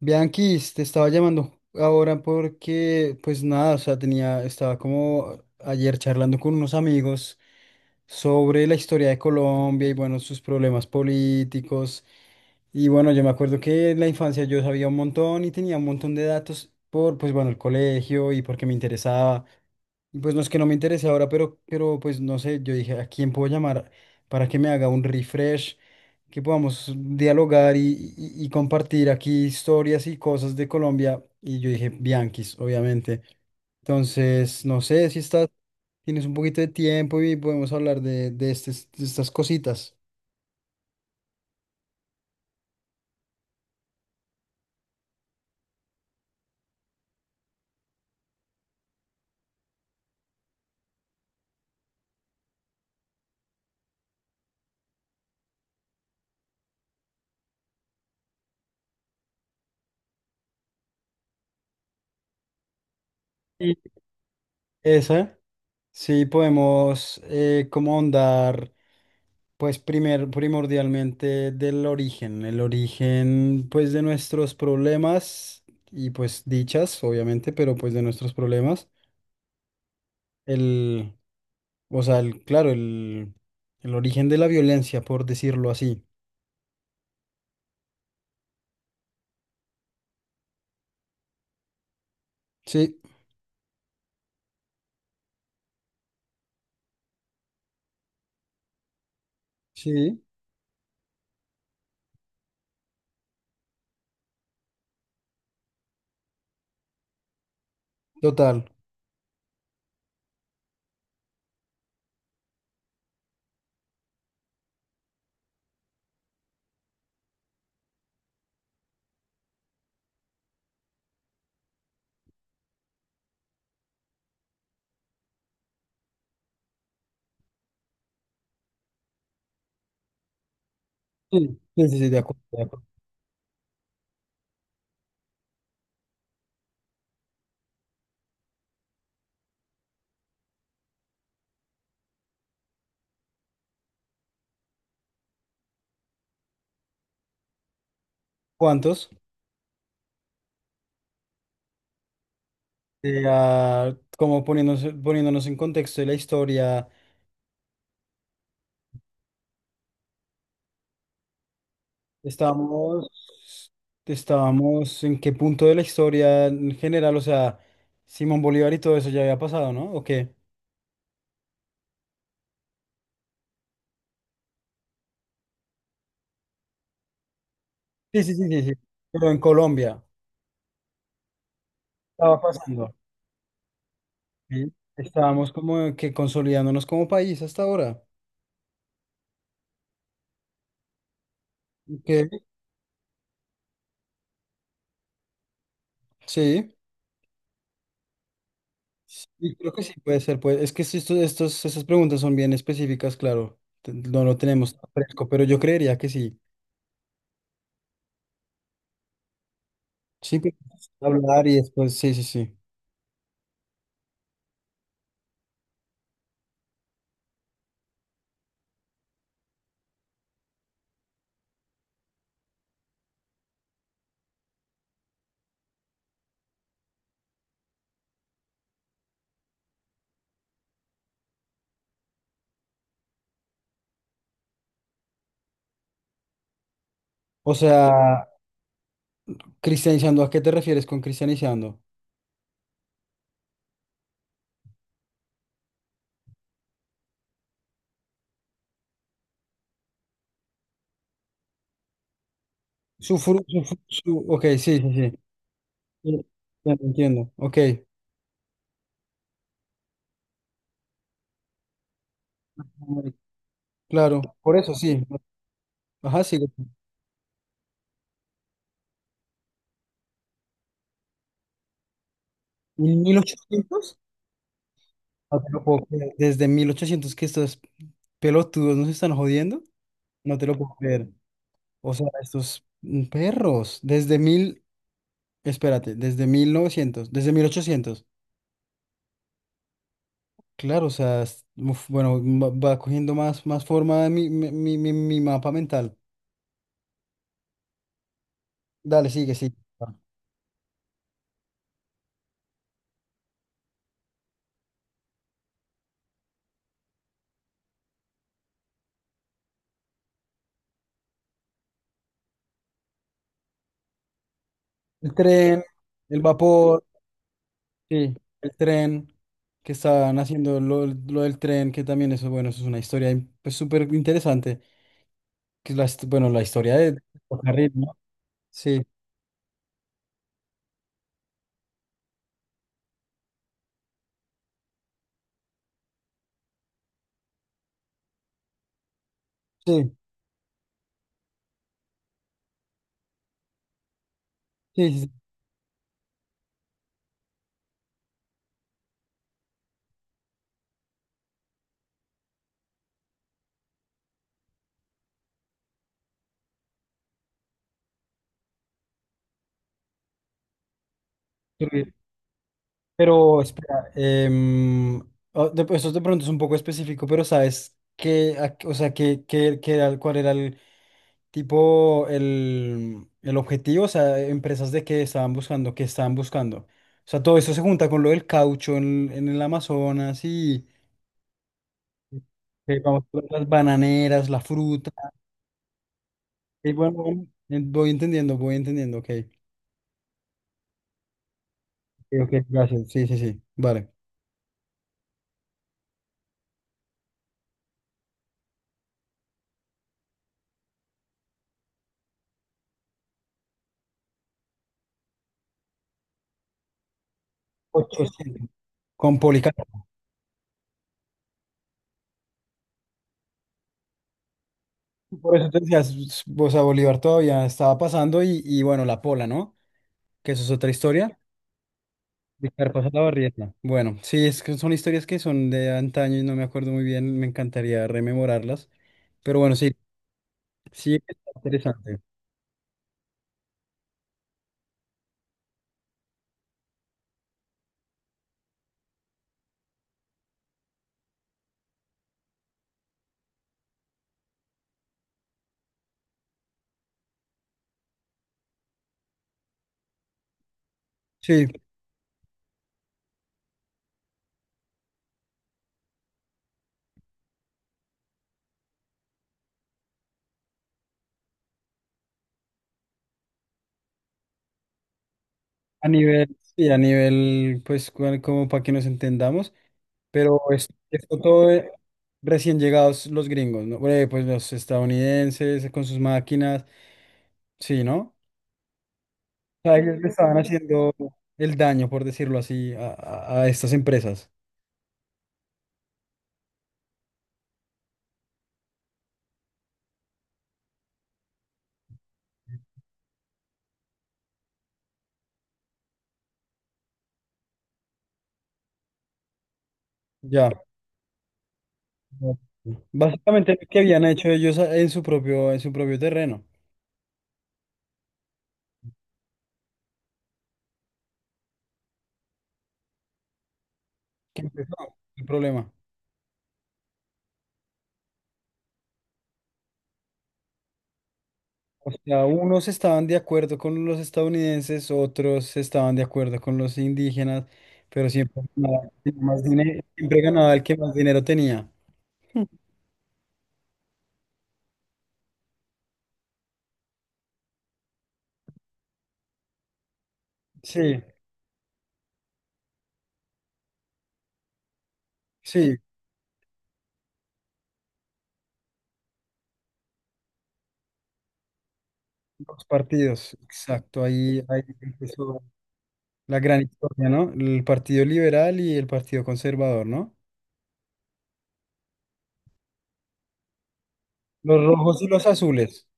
Bianquis, te estaba llamando ahora porque, pues nada, o sea, tenía, estaba como ayer charlando con unos amigos sobre la historia de Colombia y bueno, sus problemas políticos. Y bueno, yo me acuerdo que en la infancia yo sabía un montón y tenía un montón de datos por, pues bueno, el colegio y porque me interesaba. Y pues no es que no me interese ahora, pero pues no sé, yo dije, ¿a quién puedo llamar para que me haga un refresh? Que podamos dialogar y compartir aquí historias y cosas de Colombia. Y yo dije, Bianquis, obviamente. Entonces, no sé si estás, tienes un poquito de tiempo y podemos hablar de estas cositas. Y esa, sí, podemos como ahondar, primordialmente del origen, el origen pues de nuestros problemas y pues dichas, obviamente, pero pues de nuestros problemas. Claro, el origen de la violencia, por decirlo así. Sí, sí, total. Sí, sí, sí, sí, de acuerdo, de acuerdo. ¿Cuántos? Como poniéndonos en contexto de la historia, estábamos, estábamos en qué punto de la historia en general, o sea, Simón Bolívar y todo eso ya había pasado, ¿no? ¿O qué? Sí, sí, sí, sí, sí. Pero en Colombia estaba pasando. ¿Sí? Estábamos como que consolidándonos como país hasta ahora. Ok, sí. Sí, creo que sí puede ser, pues. Es que si esto- estos, esas preguntas son bien específicas, claro. No lo tenemos tan fresco, pero yo creería que sí. Sí, que hablar y después, sí, sí, sí. O sea, cristianizando, ¿a qué te refieres con cristianizando? Ok, sí, sí, sí. Sí, ya te entiendo, ok. Claro, por eso sí. Ajá, sí. ¿En mil ochocientos? No te lo puedo creer. Desde 1800 que estos pelotudos nos están jodiendo, no te lo puedo creer. O sea, estos perros, desde 1900 desde mil ochocientos. Claro, uf, bueno, va, va cogiendo más, más forma mi mapa mental. Dale, sigue, sigue. Va. El tren, el vapor, sí, el tren, que estaban haciendo lo del tren, que también eso, bueno, eso es una historia in- pues, súper interesante, que es la, hist- bueno, la historia de ferrocarril, ¿no? Sí, sí, sí, sí. Sí. Pero espera, esto de pronto es un poco específico, pero ¿sabes qué, o sea, qué era, cuál era el tipo, el objetivo? O sea, empresas de qué estaban buscando, qué estaban buscando. O sea, todo eso se junta con lo del caucho en el Amazonas y vamos, con las bananeras, la fruta. Y bueno, bueno, voy entendiendo, ok. Ok, ok, gracias, sí, sí, sí, vale. 800. Con Policarpo. Por eso te decía, o sea, Bolívar todavía estaba pasando y bueno, la pola, ¿no? Que eso es otra historia. Víctor pasa la barrieta. Bueno, sí, es que son historias que son de antaño y no me acuerdo muy bien, me encantaría rememorarlas. Pero bueno, sí, sí, está interesante. Sí, sí, a nivel, pues, como para que nos entendamos, pero es, esto todo recién llegados los gringos, ¿no? Pues los estadounidenses con sus máquinas, sí, ¿no? Sea, que le estaban haciendo el daño, por decirlo así, a estas empresas. Ya. Básicamente lo que habían hecho ellos en su propio terreno. Que empezó el problema. O sea, unos estaban de acuerdo con los estadounidenses, otros estaban de acuerdo con los indígenas, pero siempre ganaba el que más dinero, siempre ganaba el que más dinero tenía. Sí, sí, los partidos, exacto, ahí, ahí empezó. La gran historia, ¿no? El Partido Liberal y el Partido Conservador, ¿no? Los rojos y los azules.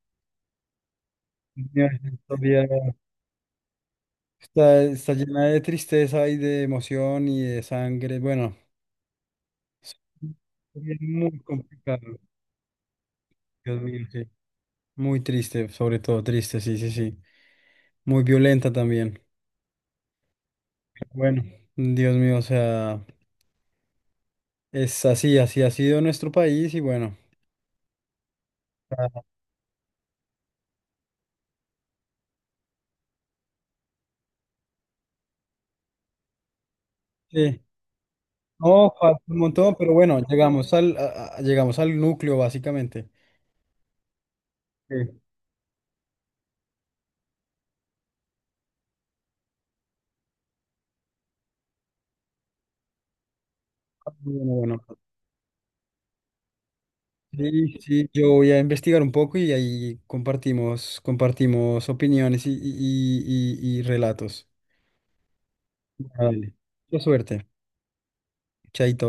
Mira, esa historia está, está llena de tristeza y de emoción y de sangre. Bueno, es muy complicado. Dios mío, sí. Muy triste, sobre todo triste, sí, sí, sí. Muy violenta también. Bueno, Dios mío, o sea, es así, así ha sido nuestro país y bueno, sí. No, falta un montón, pero bueno, llegamos al, llegamos al núcleo básicamente. Sí. Bueno, bueno. Sí, sí, yo voy a investigar un poco y ahí compartimos, compartimos opiniones y relatos. Vale. Mucha suerte. Chaito.